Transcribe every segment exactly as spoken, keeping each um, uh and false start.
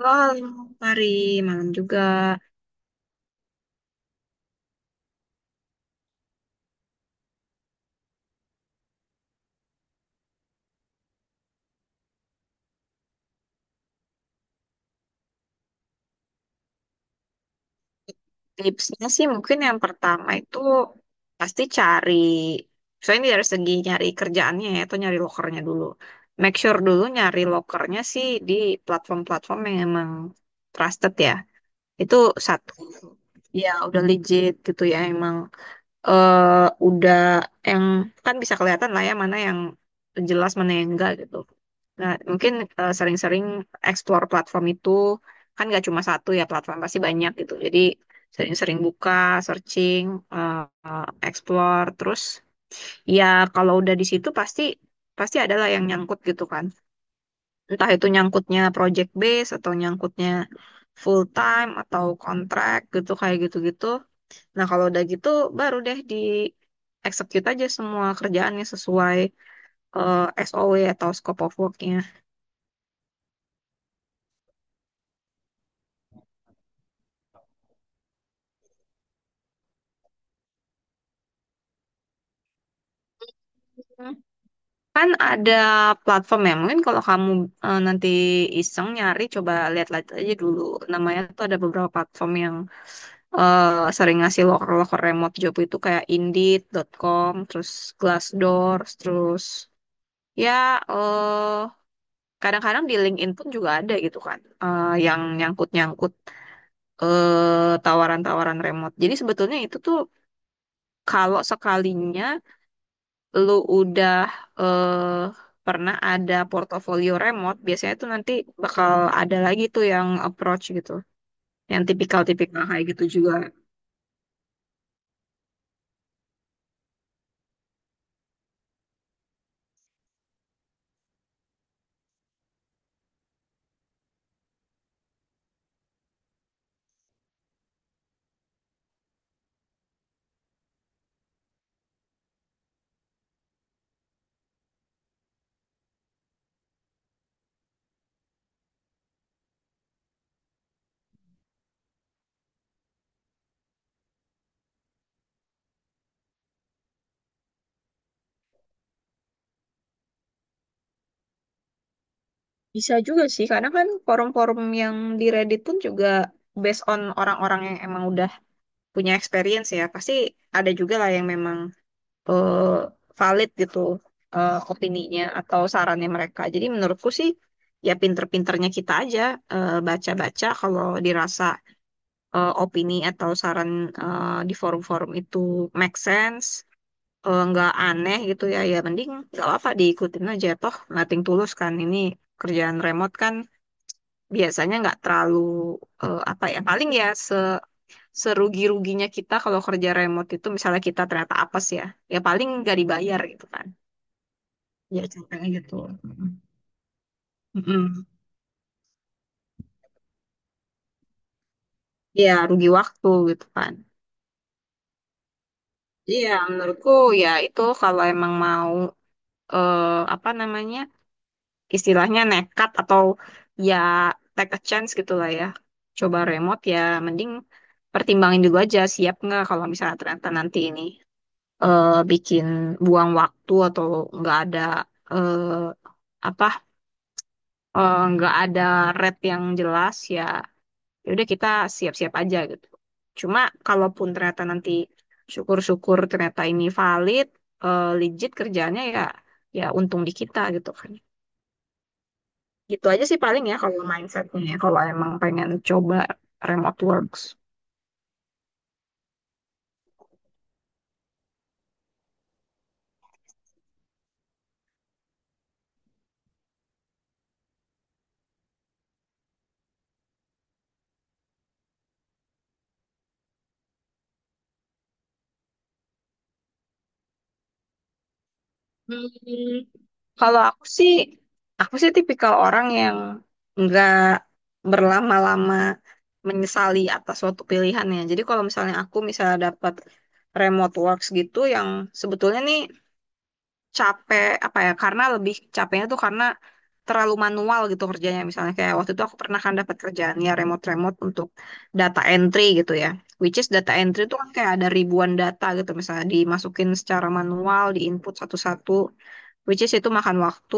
Halo, Fari. Malam juga. Tipsnya sih mungkin yang pertama itu pasti cari, soalnya ini dari segi nyari kerjaannya ya, atau nyari lokernya dulu. Make sure dulu nyari lokernya sih di platform-platform yang emang trusted ya. Itu satu, ya udah legit gitu ya, emang eh udah yang kan bisa kelihatan lah ya mana yang jelas mana yang enggak gitu. Nah, mungkin eh, sering-sering explore platform itu kan nggak cuma satu ya platform pasti banyak gitu. Jadi sering-sering buka, searching, eh, eh, explore, terus ya kalau udah di situ pasti pasti adalah yang nyangkut gitu kan. Entah itu nyangkutnya project base atau nyangkutnya full time atau kontrak gitu kayak gitu-gitu. Nah, kalau udah gitu baru deh di execute aja semua kerjaannya sesuai eh, S O W atau scope of work-nya. Kan ada platform ya, mungkin kalau kamu eh, nanti iseng nyari, coba lihat-lihat aja dulu. Namanya tuh ada beberapa platform yang eh, sering ngasih loker-loker remote job itu kayak indeed dot com, terus Glassdoor, terus ya eh kadang-kadang di LinkedIn pun juga ada gitu kan, eh, yang nyangkut-nyangkut eh, tawaran-tawaran remote. Jadi sebetulnya itu tuh kalau sekalinya lu udah eh, pernah ada portofolio remote, biasanya tuh nanti bakal ada lagi tuh yang approach gitu. Yang tipikal-tipikal kayak gitu juga. Bisa juga sih, karena kan forum-forum yang di Reddit pun juga based on orang-orang yang emang udah punya experience ya. Pasti ada juga lah yang memang eh, valid gitu eh, opininya atau sarannya mereka. Jadi menurutku sih ya pinter-pinternya kita aja eh, baca-baca kalau dirasa eh, opini atau saran eh, di forum-forum itu make sense, eh, nggak aneh gitu ya, ya mending nggak apa-apa diikutin aja toh nothing tulus kan ini kerjaan remote kan biasanya nggak terlalu eh, apa ya paling ya se serugi-ruginya kita kalau kerja remote itu misalnya kita ternyata apes ya, ya paling nggak dibayar gitu kan, ya contohnya gitu. Mm-mm. Ya rugi waktu gitu kan. Iya, menurutku ya itu kalau emang mau eh, apa namanya istilahnya nekat atau ya take a chance gitu lah ya. Coba remote ya mending pertimbangin dulu aja siap nggak kalau misalnya ternyata nanti ini eh, bikin buang waktu atau nggak ada eh, apa eh, nggak ada red yang jelas ya ya udah kita siap-siap aja gitu. Cuma kalaupun ternyata nanti syukur-syukur ternyata ini valid eh, legit kerjaannya ya ya untung di kita gitu kan. Gitu aja sih paling ya kalau mindsetnya ya, kalau emang pengen coba remote works. Hmm, Kalau aku sih, aku sih tipikal orang yang nggak berlama-lama menyesali atas suatu pilihan ya. Jadi kalau misalnya aku misalnya dapat remote works gitu yang sebetulnya nih capek apa ya karena lebih capeknya tuh karena terlalu manual gitu kerjanya misalnya kayak waktu itu aku pernah kan dapat kerjaan ya remote-remote untuk data entry gitu ya which is data entry itu kan kayak ada ribuan data gitu misalnya dimasukin secara manual diinput satu-satu which is itu makan waktu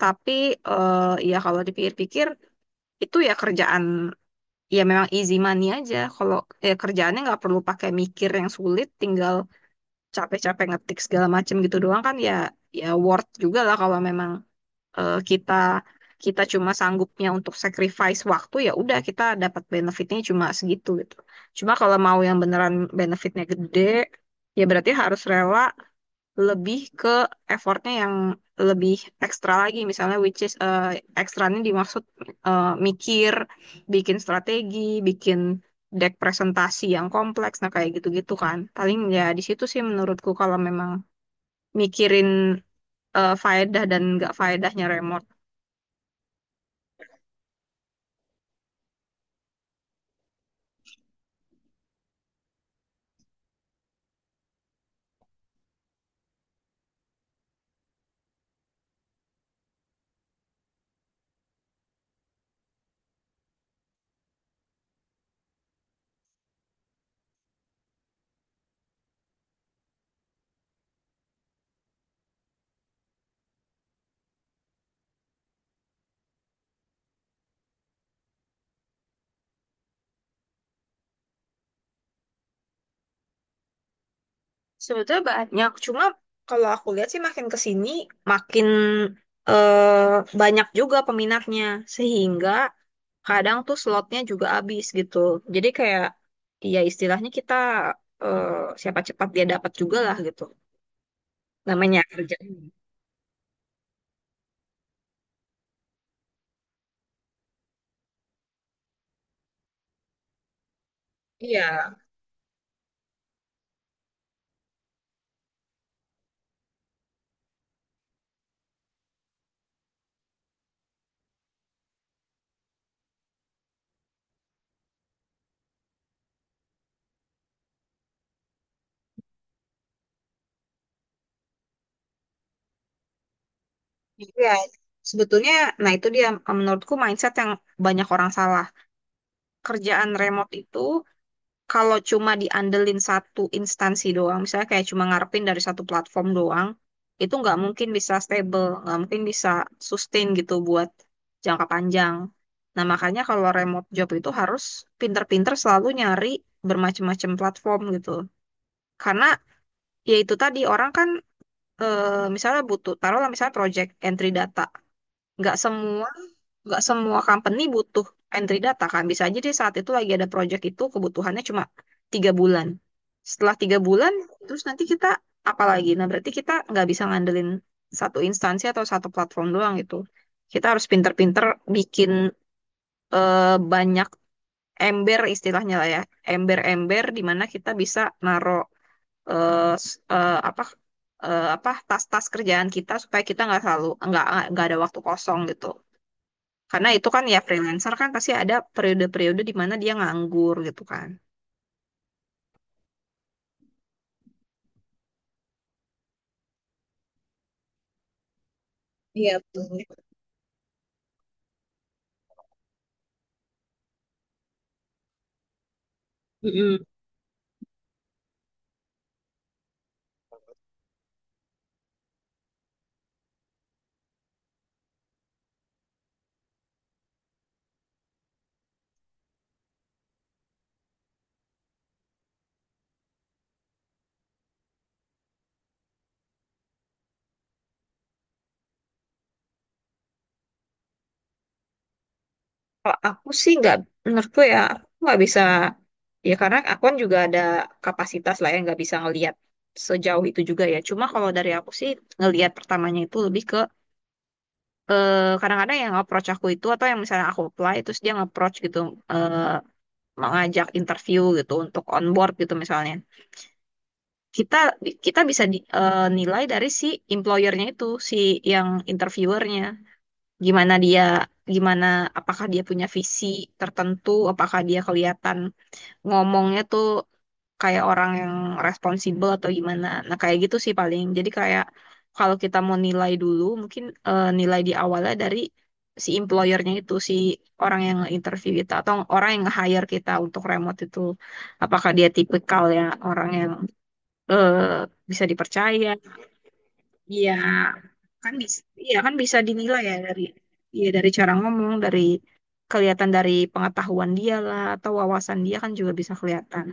tapi eh, ya kalau dipikir-pikir itu ya kerjaan ya memang easy money aja kalau ya kerjaannya nggak perlu pakai mikir yang sulit tinggal capek-capek ngetik segala macem gitu doang kan ya ya worth juga lah kalau memang eh, kita kita cuma sanggupnya untuk sacrifice waktu ya udah kita dapat benefitnya cuma segitu gitu. Cuma kalau mau yang beneran benefitnya gede ya berarti harus rela lebih ke effortnya yang lebih ekstra lagi misalnya which is eh, ekstranya dimaksud eh, mikir bikin strategi bikin deck presentasi yang kompleks nah kayak gitu-gitu kan paling ya di situ sih menurutku kalau memang mikirin eh, faedah dan nggak faedahnya remor. Sebetulnya banyak, cuma kalau aku lihat sih makin ke sini makin eh, banyak juga peminatnya, sehingga kadang tuh slotnya juga habis gitu. Jadi kayak ya istilahnya kita eh, siapa cepat dia dapat juga lah gitu. Namanya kerja. Iya. Iya. Sebetulnya, nah itu dia menurutku mindset yang banyak orang salah. Kerjaan remote itu kalau cuma diandelin satu instansi doang, misalnya kayak cuma ngarepin dari satu platform doang, itu nggak mungkin bisa stable, nggak mungkin bisa sustain gitu buat jangka panjang. Nah, makanya kalau remote job itu harus pinter-pinter selalu nyari bermacam-macam platform gitu. Karena ya itu tadi orang kan eh, misalnya butuh, taruhlah misalnya project entry data. Nggak semua nggak semua company butuh entry data kan. Bisa aja dia saat itu lagi ada project itu kebutuhannya cuma tiga bulan. Setelah tiga bulan, terus nanti kita apa lagi? Nah, berarti kita nggak bisa ngandelin satu instansi atau satu platform doang gitu. Kita harus pinter-pinter bikin eh, banyak ember istilahnya lah ya. Ember-ember di mana kita bisa naro eh, s- eh, apa eh, apa tas-tas kerjaan kita supaya kita nggak selalu nggak nggak ada waktu kosong gitu. Karena itu kan ya freelancer kan pasti ada periode-periode di mana dia nganggur gitu kan. Iya, betul. Mm-mm. Kalau aku sih nggak, menurutku ya aku nggak bisa ya karena aku kan juga ada kapasitas lah yang nggak bisa ngelihat sejauh itu juga ya. Cuma kalau dari aku sih ngelihat pertamanya itu lebih ke eh, kadang-kadang yang approach aku itu atau yang misalnya aku apply terus dia nge-approach gitu eh, mengajak interview gitu untuk on board gitu misalnya. Kita kita bisa di- eh, nilai dari si employernya itu si yang interviewernya gimana dia gimana, apakah dia punya visi tertentu, apakah dia kelihatan ngomongnya tuh kayak orang yang responsibel atau gimana. Nah kayak gitu sih paling, jadi kayak kalau kita mau nilai dulu mungkin eh, nilai di awalnya dari si employernya itu, si orang yang interview kita atau orang yang nge-hire kita untuk remote itu, apakah dia tipikal ya orang yang eh, bisa dipercaya. Iya, kan bisa, iya kan bisa dinilai ya dari iya dari cara ngomong, dari kelihatan dari pengetahuan dia lah atau wawasan dia kan juga bisa kelihatan.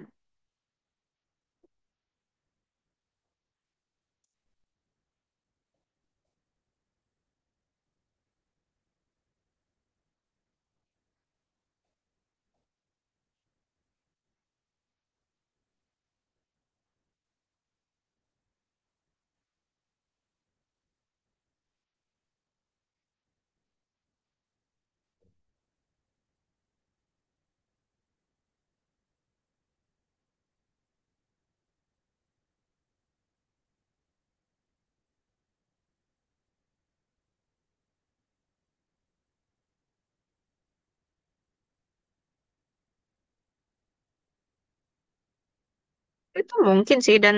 Itu mungkin sih dan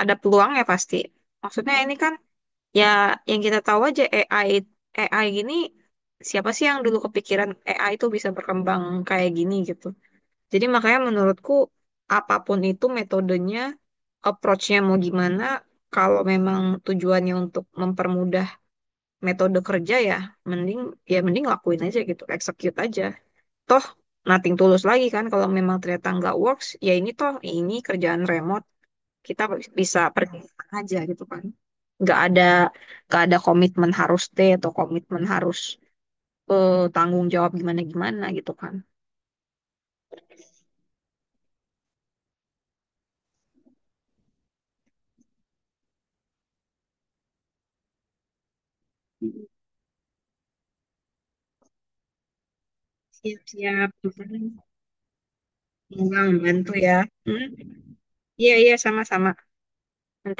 ada peluangnya pasti. Maksudnya ini kan ya yang kita tahu aja A I A I gini siapa sih yang dulu kepikiran A I itu bisa berkembang kayak gini gitu. Jadi makanya menurutku apapun itu metodenya, approach-nya mau gimana, kalau memang tujuannya untuk mempermudah metode kerja ya, mending ya mending lakuin aja gitu, execute aja. Toh nothing tulus lagi kan kalau memang ternyata nggak works, ya ini toh ini kerjaan remote, kita bisa pergi kemana aja gitu kan. Nggak ada nggak ada komitmen harus T atau komitmen harus eh, tanggung jawab gimana-gimana gitu kan. Siap-siap. Memang bantu ya. Hmm. Iya, iya, sama-sama. Nanti